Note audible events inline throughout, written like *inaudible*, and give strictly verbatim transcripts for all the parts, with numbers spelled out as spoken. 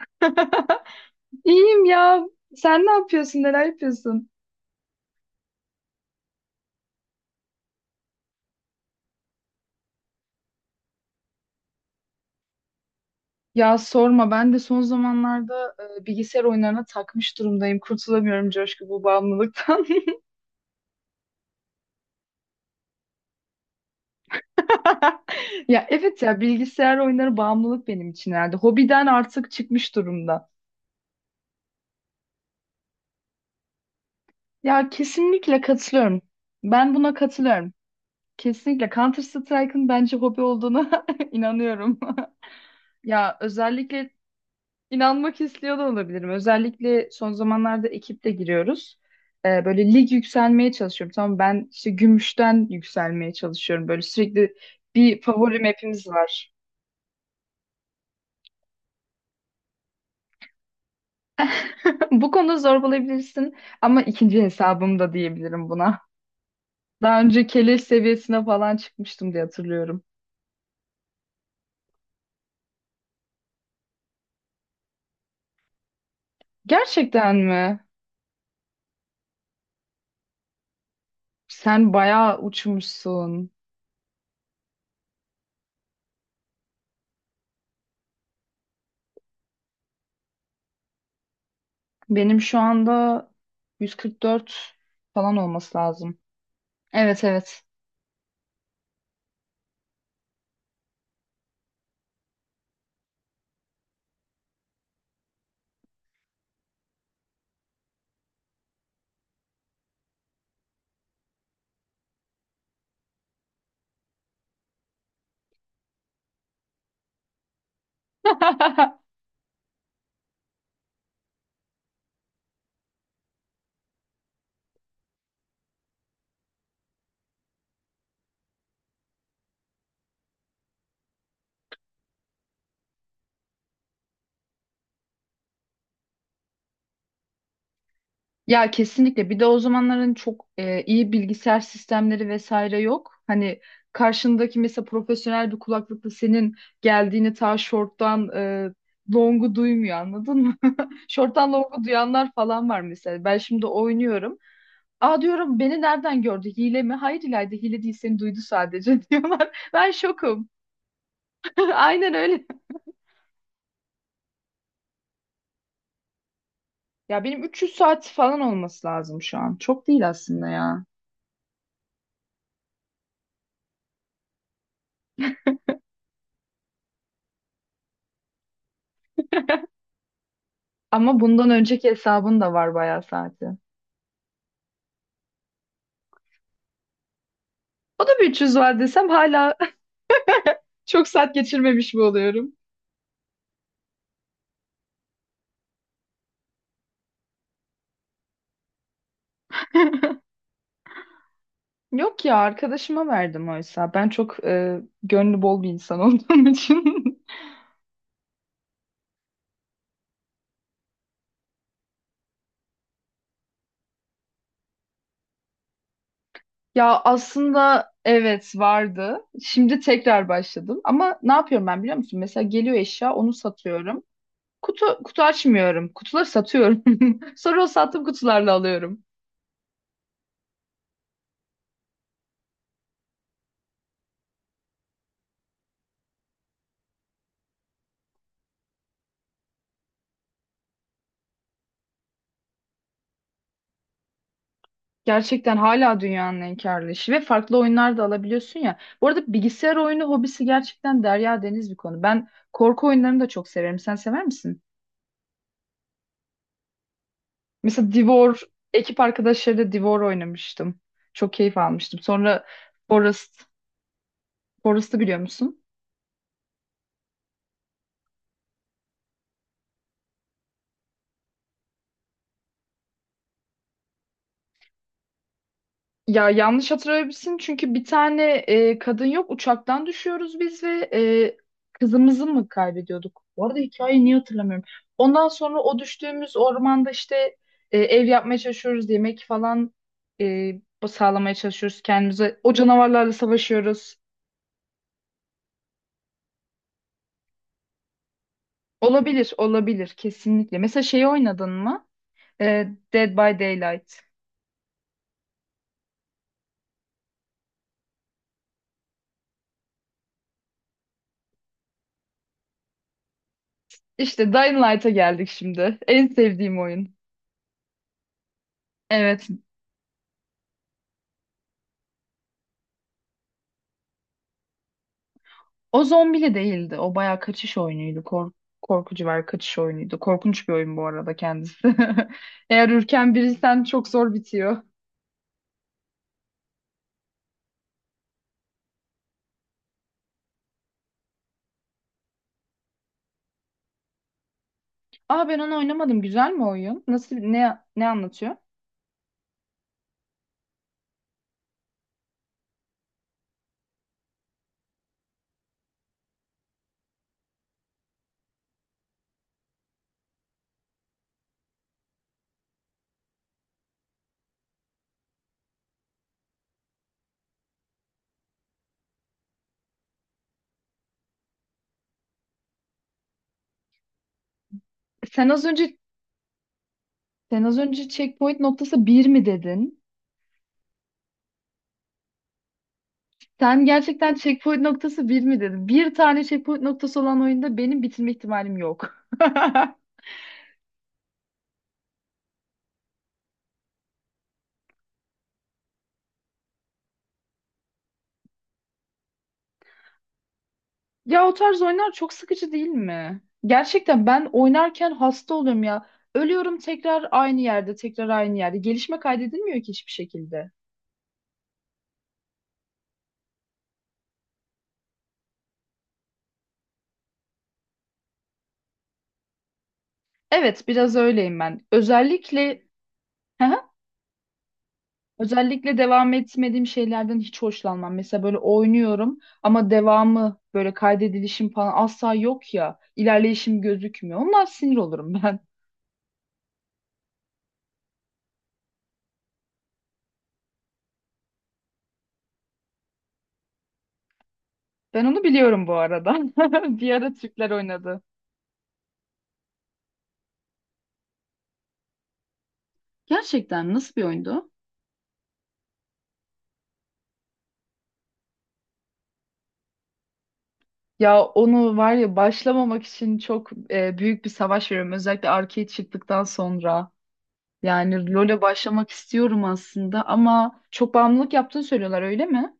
*laughs* İyiyim ya. Sen ne yapıyorsun? Neler yapıyorsun? Ya sorma, ben de son zamanlarda e, bilgisayar oyunlarına takmış durumdayım. Kurtulamıyorum Coşku, bu bağımlılıktan. *laughs* Ya evet ya bilgisayar oyunları bağımlılık benim için herhalde. Hobiden artık çıkmış durumda. Ya kesinlikle katılıyorum. Ben buna katılıyorum. Kesinlikle Counter Strike'ın bence hobi olduğuna *laughs* inanıyorum. *laughs* Ya özellikle. İnanmak istiyor da olabilirim. Özellikle son zamanlarda ekiple giriyoruz. Ee, böyle lig yükselmeye çalışıyorum. Tamam, ben işte gümüşten yükselmeye çalışıyorum. Böyle sürekli bir favori map'imiz var. *laughs* Bu konuda zorbalayabilirsin ama ikinci hesabım da diyebilirim buna. Daha önce keleş seviyesine falan çıkmıştım diye hatırlıyorum. Gerçekten mi? Sen bayağı uçmuşsun. Benim şu anda yüz kırk dört falan olması lazım. Evet, evet. *laughs* Ya kesinlikle. Bir de o zamanların çok e, iyi bilgisayar sistemleri vesaire yok. Hani karşındaki mesela profesyonel bir kulaklıkla senin geldiğini ta şorttan e, longu duymuyor, anladın mı? *laughs* Şorttan longu duyanlar falan var mesela. Ben şimdi oynuyorum. Aa, diyorum, beni nereden gördü? Hile mi? Hayır İlayda, hile değil, seni duydu sadece *laughs* diyorlar. Ben şokum. *laughs* Aynen öyle. Ya benim üç yüz saat falan olması lazım şu an. Çok değil aslında ya. Ama bundan önceki hesabın da var bayağı saati. O da bir üç yüz var desem hala *laughs* çok saat geçirmemiş mi oluyorum? *laughs* Yok ya, arkadaşıma verdim oysa. Ben çok e, gönlü bol bir insan *laughs* olduğum için. Ya aslında evet vardı. Şimdi tekrar başladım. Ama ne yapıyorum ben biliyor musun? Mesela geliyor eşya, onu satıyorum. Kutu kutu açmıyorum. Kutuları satıyorum. *laughs* Sonra o sattığım kutularla alıyorum. Gerçekten hala dünyanın en karlı işi ve farklı oyunlar da alabiliyorsun ya. Bu arada bilgisayar oyunu hobisi gerçekten derya deniz bir konu. Ben korku oyunlarını da çok severim. Sen sever misin? Mesela Divor, ekip arkadaşlarıyla Divor oynamıştım. Çok keyif almıştım. Sonra Forest, Forest'ı biliyor musun? Ya yanlış hatırlayabilirsin, çünkü bir tane e, kadın yok, uçaktan düşüyoruz biz ve e, kızımızı mı kaybediyorduk? Bu arada hikayeyi niye hatırlamıyorum. Ondan sonra o düştüğümüz ormanda işte e, ev yapmaya çalışıyoruz, yemek falan e, sağlamaya çalışıyoruz kendimize. O canavarlarla savaşıyoruz. Olabilir, olabilir kesinlikle. Mesela şeyi oynadın mı? E, Dead by Daylight. İşte Dying Light'a geldik şimdi. En sevdiğim oyun. Evet. O zombili değildi. O bayağı kaçış oyunuydu. Kork korkucu var, kaçış oyunuydu. Korkunç bir oyun bu arada kendisi. *laughs* Eğer ürken biriysen çok zor bitiyor. Aa, ben onu oynamadım. Güzel mi oyun? Nasıl, ne ne anlatıyor? Sen az önce Sen az önce checkpoint noktası bir mi dedin? Sen gerçekten checkpoint noktası bir mi dedin? Bir tane checkpoint noktası olan oyunda benim bitirme ihtimalim yok. *laughs* Ya o tarz oyunlar çok sıkıcı değil mi? Gerçekten ben oynarken hasta oluyorum ya. Ölüyorum tekrar aynı yerde, tekrar aynı yerde. Gelişme kaydedilmiyor ki hiçbir şekilde. Evet, biraz öyleyim ben. Özellikle Hı hı. Özellikle devam etmediğim şeylerden hiç hoşlanmam. Mesela böyle oynuyorum ama devamı böyle kaydedilişim falan asla yok ya. İlerleyişim gözükmüyor. Ondan sinir olurum ben. Ben onu biliyorum bu arada. *laughs* Bir ara Türkler oynadı. Gerçekten nasıl bir oyundu? Ya onu var ya, başlamamak için çok e, büyük bir savaş veriyorum. Özellikle arcade çıktıktan sonra. Yani LoL'e başlamak istiyorum aslında, ama çok bağımlılık yaptığını söylüyorlar, öyle mi?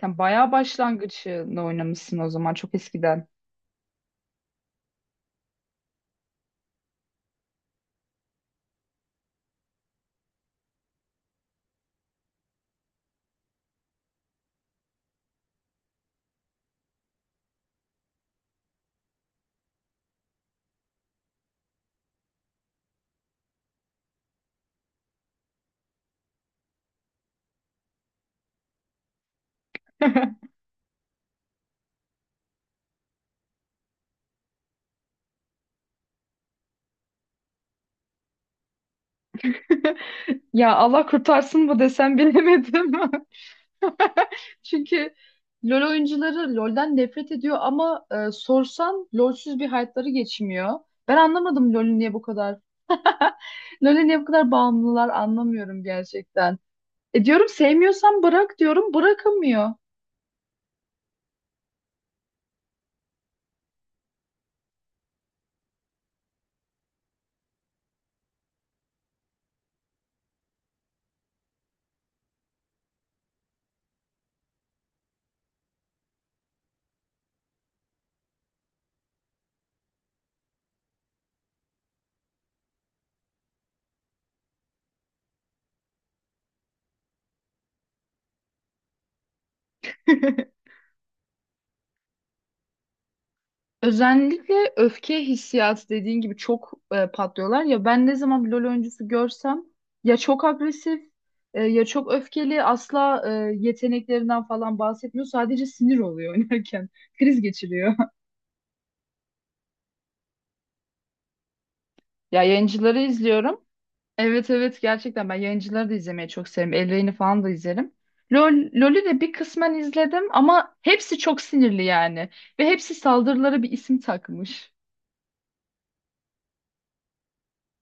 Sen bayağı başlangıcını oynamışsın o zaman, çok eskiden. *laughs* Ya Allah kurtarsın bu desem bilemedim. *laughs* Çünkü LoL oyuncuları LoL'den nefret ediyor ama e, sorsan LoL'süz bir hayatları geçmiyor. Ben anlamadım LoL'ün niye bu kadar. LoL'e niye bu kadar bağımlılar anlamıyorum gerçekten. E diyorum, sevmiyorsan bırak diyorum, bırakamıyor. *laughs* Özellikle öfke hissiyatı dediğin gibi çok e, patlıyorlar ya, ben ne zaman bir LoL oyuncusu görsem ya çok agresif, e, ya çok öfkeli, asla e, yeteneklerinden falan bahsetmiyor, sadece sinir oluyor oynarken *laughs* kriz geçiriyor. *laughs* Ya yayıncıları izliyorum. Evet, evet, gerçekten ben yayıncıları da izlemeyi çok severim. El Rey'ni falan da izlerim. LOL, LOL'ü de bir kısmen izledim, ama hepsi çok sinirli yani. Ve hepsi saldırılara bir isim takmış.